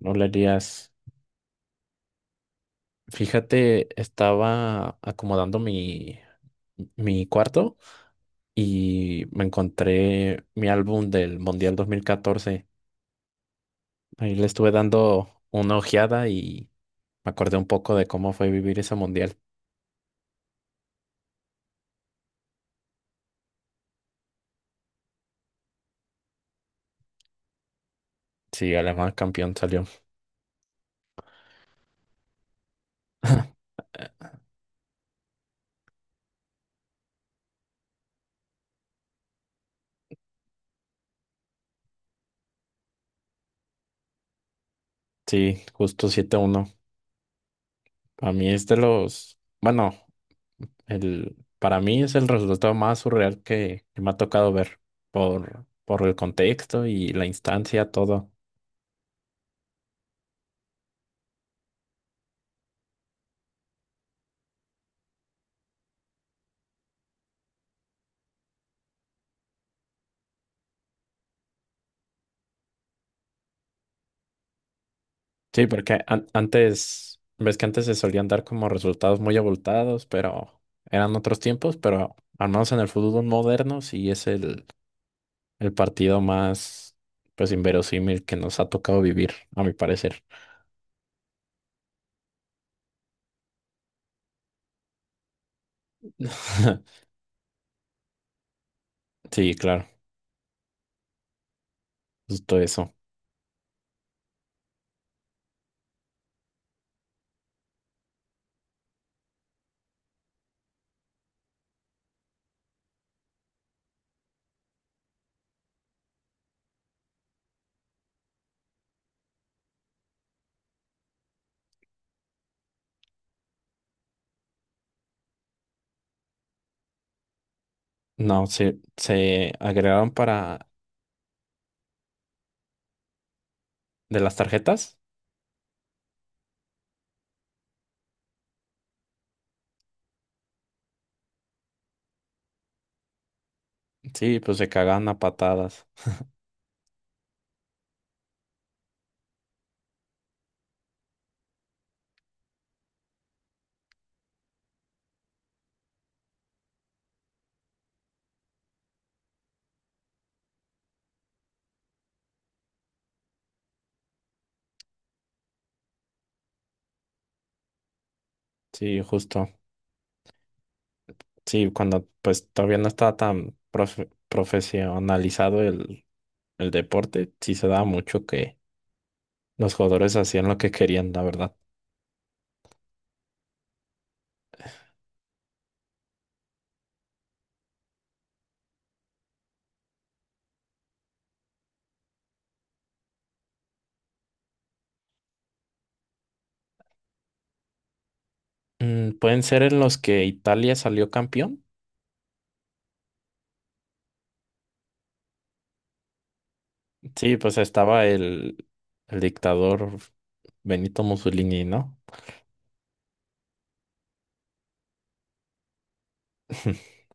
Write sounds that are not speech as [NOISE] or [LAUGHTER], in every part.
Hola Elías, fíjate, estaba acomodando mi cuarto y me encontré mi álbum del Mundial 2014. Ahí le estuve dando una ojeada y me acordé un poco de cómo fue vivir ese Mundial. Sí, Alemán campeón salió. [LAUGHS] Sí, justo 7-1. A mí es de los, bueno, el, para mí es el resultado más surreal que me ha tocado ver por el contexto y la instancia, todo. Sí, porque antes, ves que antes se solían dar como resultados muy abultados, pero eran otros tiempos, pero al menos en el fútbol moderno sí es el partido más, pues, inverosímil que nos ha tocado vivir, a mi parecer. [LAUGHS] Sí, claro, justo eso. No, se agregaron para de las tarjetas. Sí, pues se cagaban a patadas. Sí, justo. Sí, cuando pues todavía no estaba tan profesionalizado el deporte sí se daba mucho que los jugadores hacían lo que querían, la verdad. Mm, ¿pueden ser en los que Italia salió campeón? Sí, pues estaba el dictador Benito Mussolini, ¿no? [LAUGHS]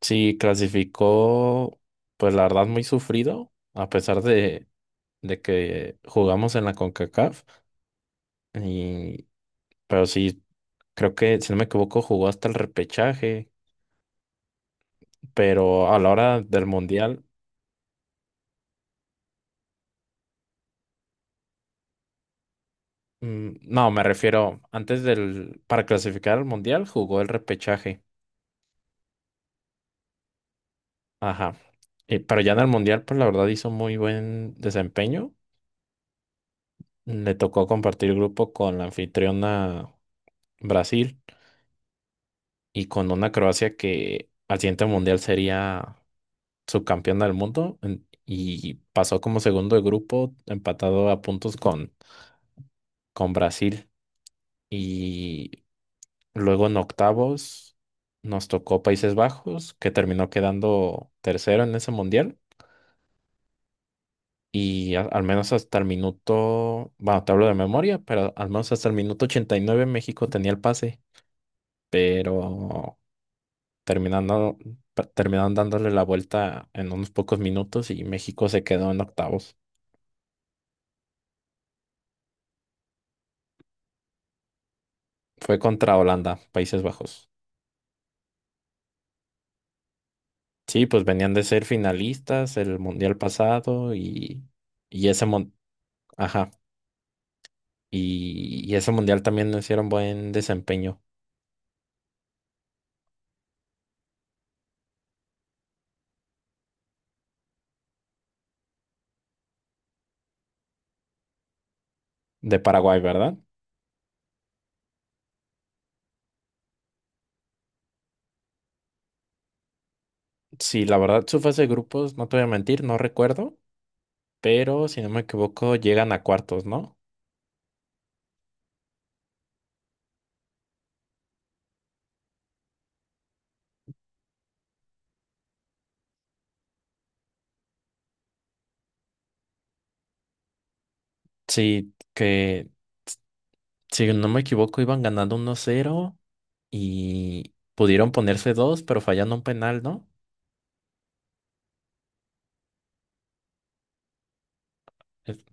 Sí, clasificó, pues la verdad, muy sufrido, a pesar de que jugamos en la CONCACAF. Y, pero sí, creo que, si no me equivoco, jugó hasta el repechaje, pero a la hora del Mundial. Mm, no, me refiero, antes del, para clasificar al Mundial jugó el repechaje. Ajá. Y pero ya en el Mundial, pues la verdad hizo muy buen desempeño. Le tocó compartir grupo con la anfitriona Brasil y con una Croacia que al siguiente Mundial sería subcampeona del mundo y pasó como segundo de grupo empatado a puntos con Brasil. Y luego en octavos nos tocó Países Bajos, que terminó quedando tercero en ese mundial. Y al menos hasta el minuto, bueno, te hablo de memoria, pero al menos hasta el minuto 89 México tenía el pase, pero terminando, terminaron dándole la vuelta en unos pocos minutos y México se quedó en octavos. Fue contra Holanda, Países Bajos. Sí, pues venían de ser finalistas el mundial pasado y ese ajá. Y ese mundial también no hicieron buen desempeño de Paraguay, ¿verdad? Sí, la verdad, su fase de grupos, no te voy a mentir, no recuerdo, pero si no me equivoco, llegan a cuartos, ¿no? Sí, que si no me equivoco, iban ganando 1-0 y pudieron ponerse 2 pero fallando un penal, ¿no? Es-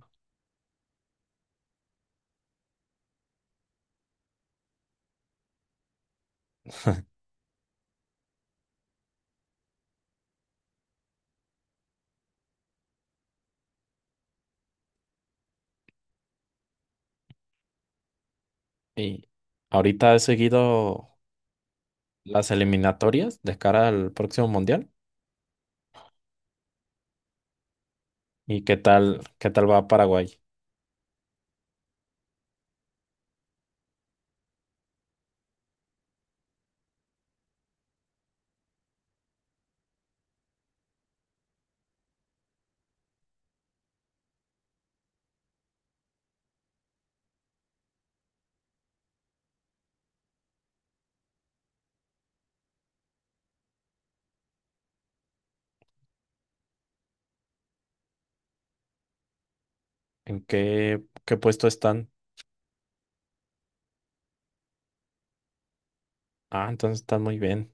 Y ahorita he seguido las eliminatorias de cara al próximo mundial. ¿Y qué tal va Paraguay? ¿En qué, qué puesto están? Ah, entonces están muy bien.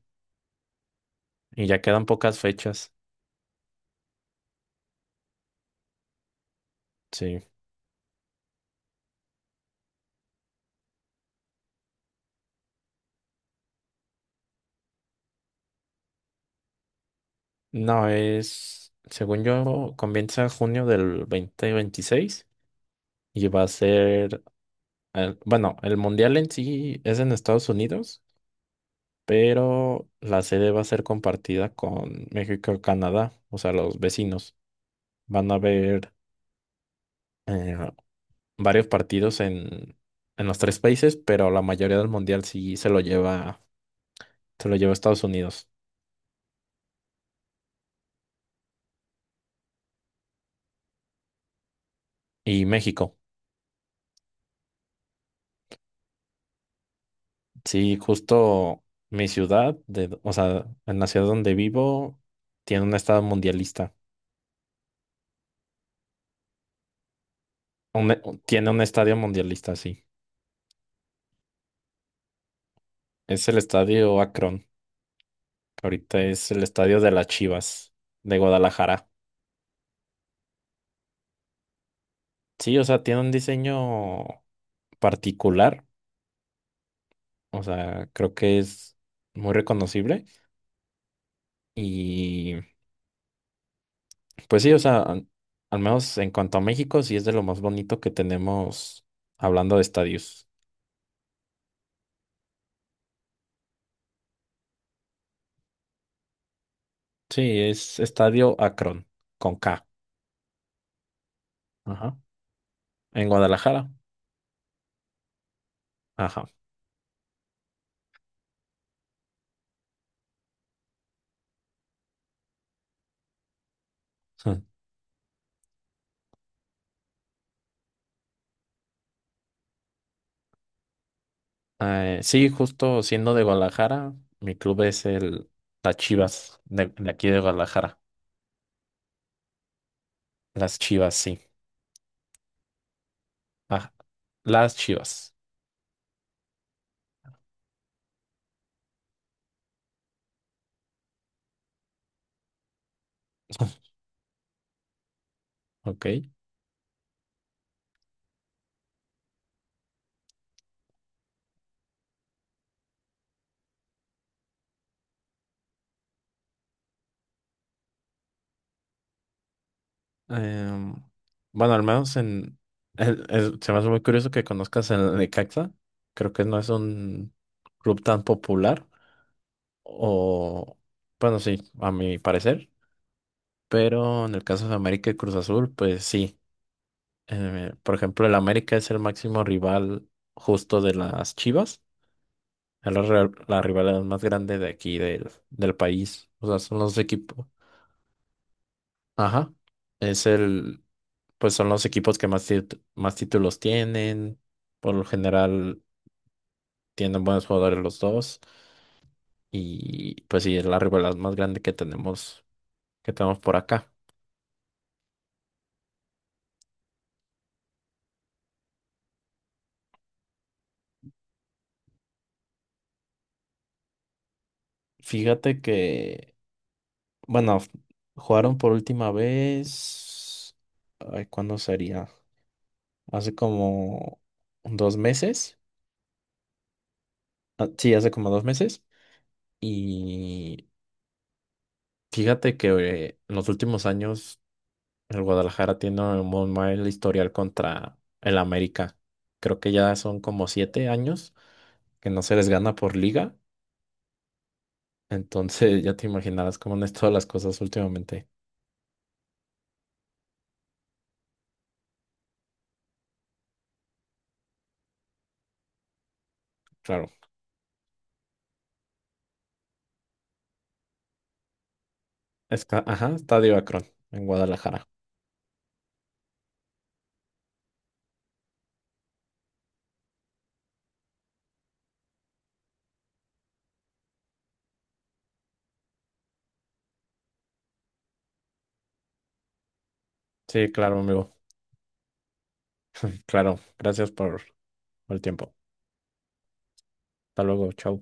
Y ya quedan pocas fechas. Sí. No, es, según yo, comienza en junio del 2026 y va a bueno, el mundial en sí es en Estados Unidos, pero la sede va a ser compartida con México y Canadá, o sea, los vecinos. Van a haber eh, varios partidos en los tres países, pero la mayoría del mundial sí se lo lleva Estados Unidos y México. Sí, justo mi ciudad, de, o sea, en la ciudad donde vivo, tiene un estado mundialista. Un tiene un estadio mundialista, sí. Es el estadio Akron, que ahorita es el estadio de las Chivas de Guadalajara. Sí, o sea, tiene un diseño particular, o sea, creo que es muy reconocible. Y pues sí, o sea, al menos en cuanto a México, sí es de lo más bonito que tenemos hablando de estadios. Sí, es Estadio Akron, con K. Ajá. En Guadalajara. Ajá. [LAUGHS] Sí, justo siendo de Guadalajara, mi club es el las Chivas, de aquí de Guadalajara. Las Chivas, sí. Ah, las Chivas. Ok. Em, bueno, al menos en. El se me hace muy curioso que conozcas el Necaxa. Creo que no es un club tan popular. O. Bueno, sí, a mi parecer. Pero en el caso de América y Cruz Azul, pues sí. Por ejemplo, el América es el máximo rival justo de las Chivas. Es la rivalidad más grande de aquí del país. O sea, son los equipos. Ajá. Es el, pues son los equipos que más títulos tienen. Por lo general tienen buenos jugadores los dos. Y pues sí, es la rivalidad más grande que tenemos por acá. Fíjate que Bueno, f- Jugaron por última vez. Ay, ¿cuándo sería? Hace como dos meses. Ah, sí, hace como dos meses. Y fíjate que en los últimos años el Guadalajara tiene un mal historial contra el América. Creo que ya son como 7 años que no se les gana por liga. Entonces ya te imaginarás cómo han estado las cosas últimamente. Claro. Está, ajá, Estadio Akron en Guadalajara. Sí, claro, amigo. Claro, gracias por el tiempo. Hasta luego, chao.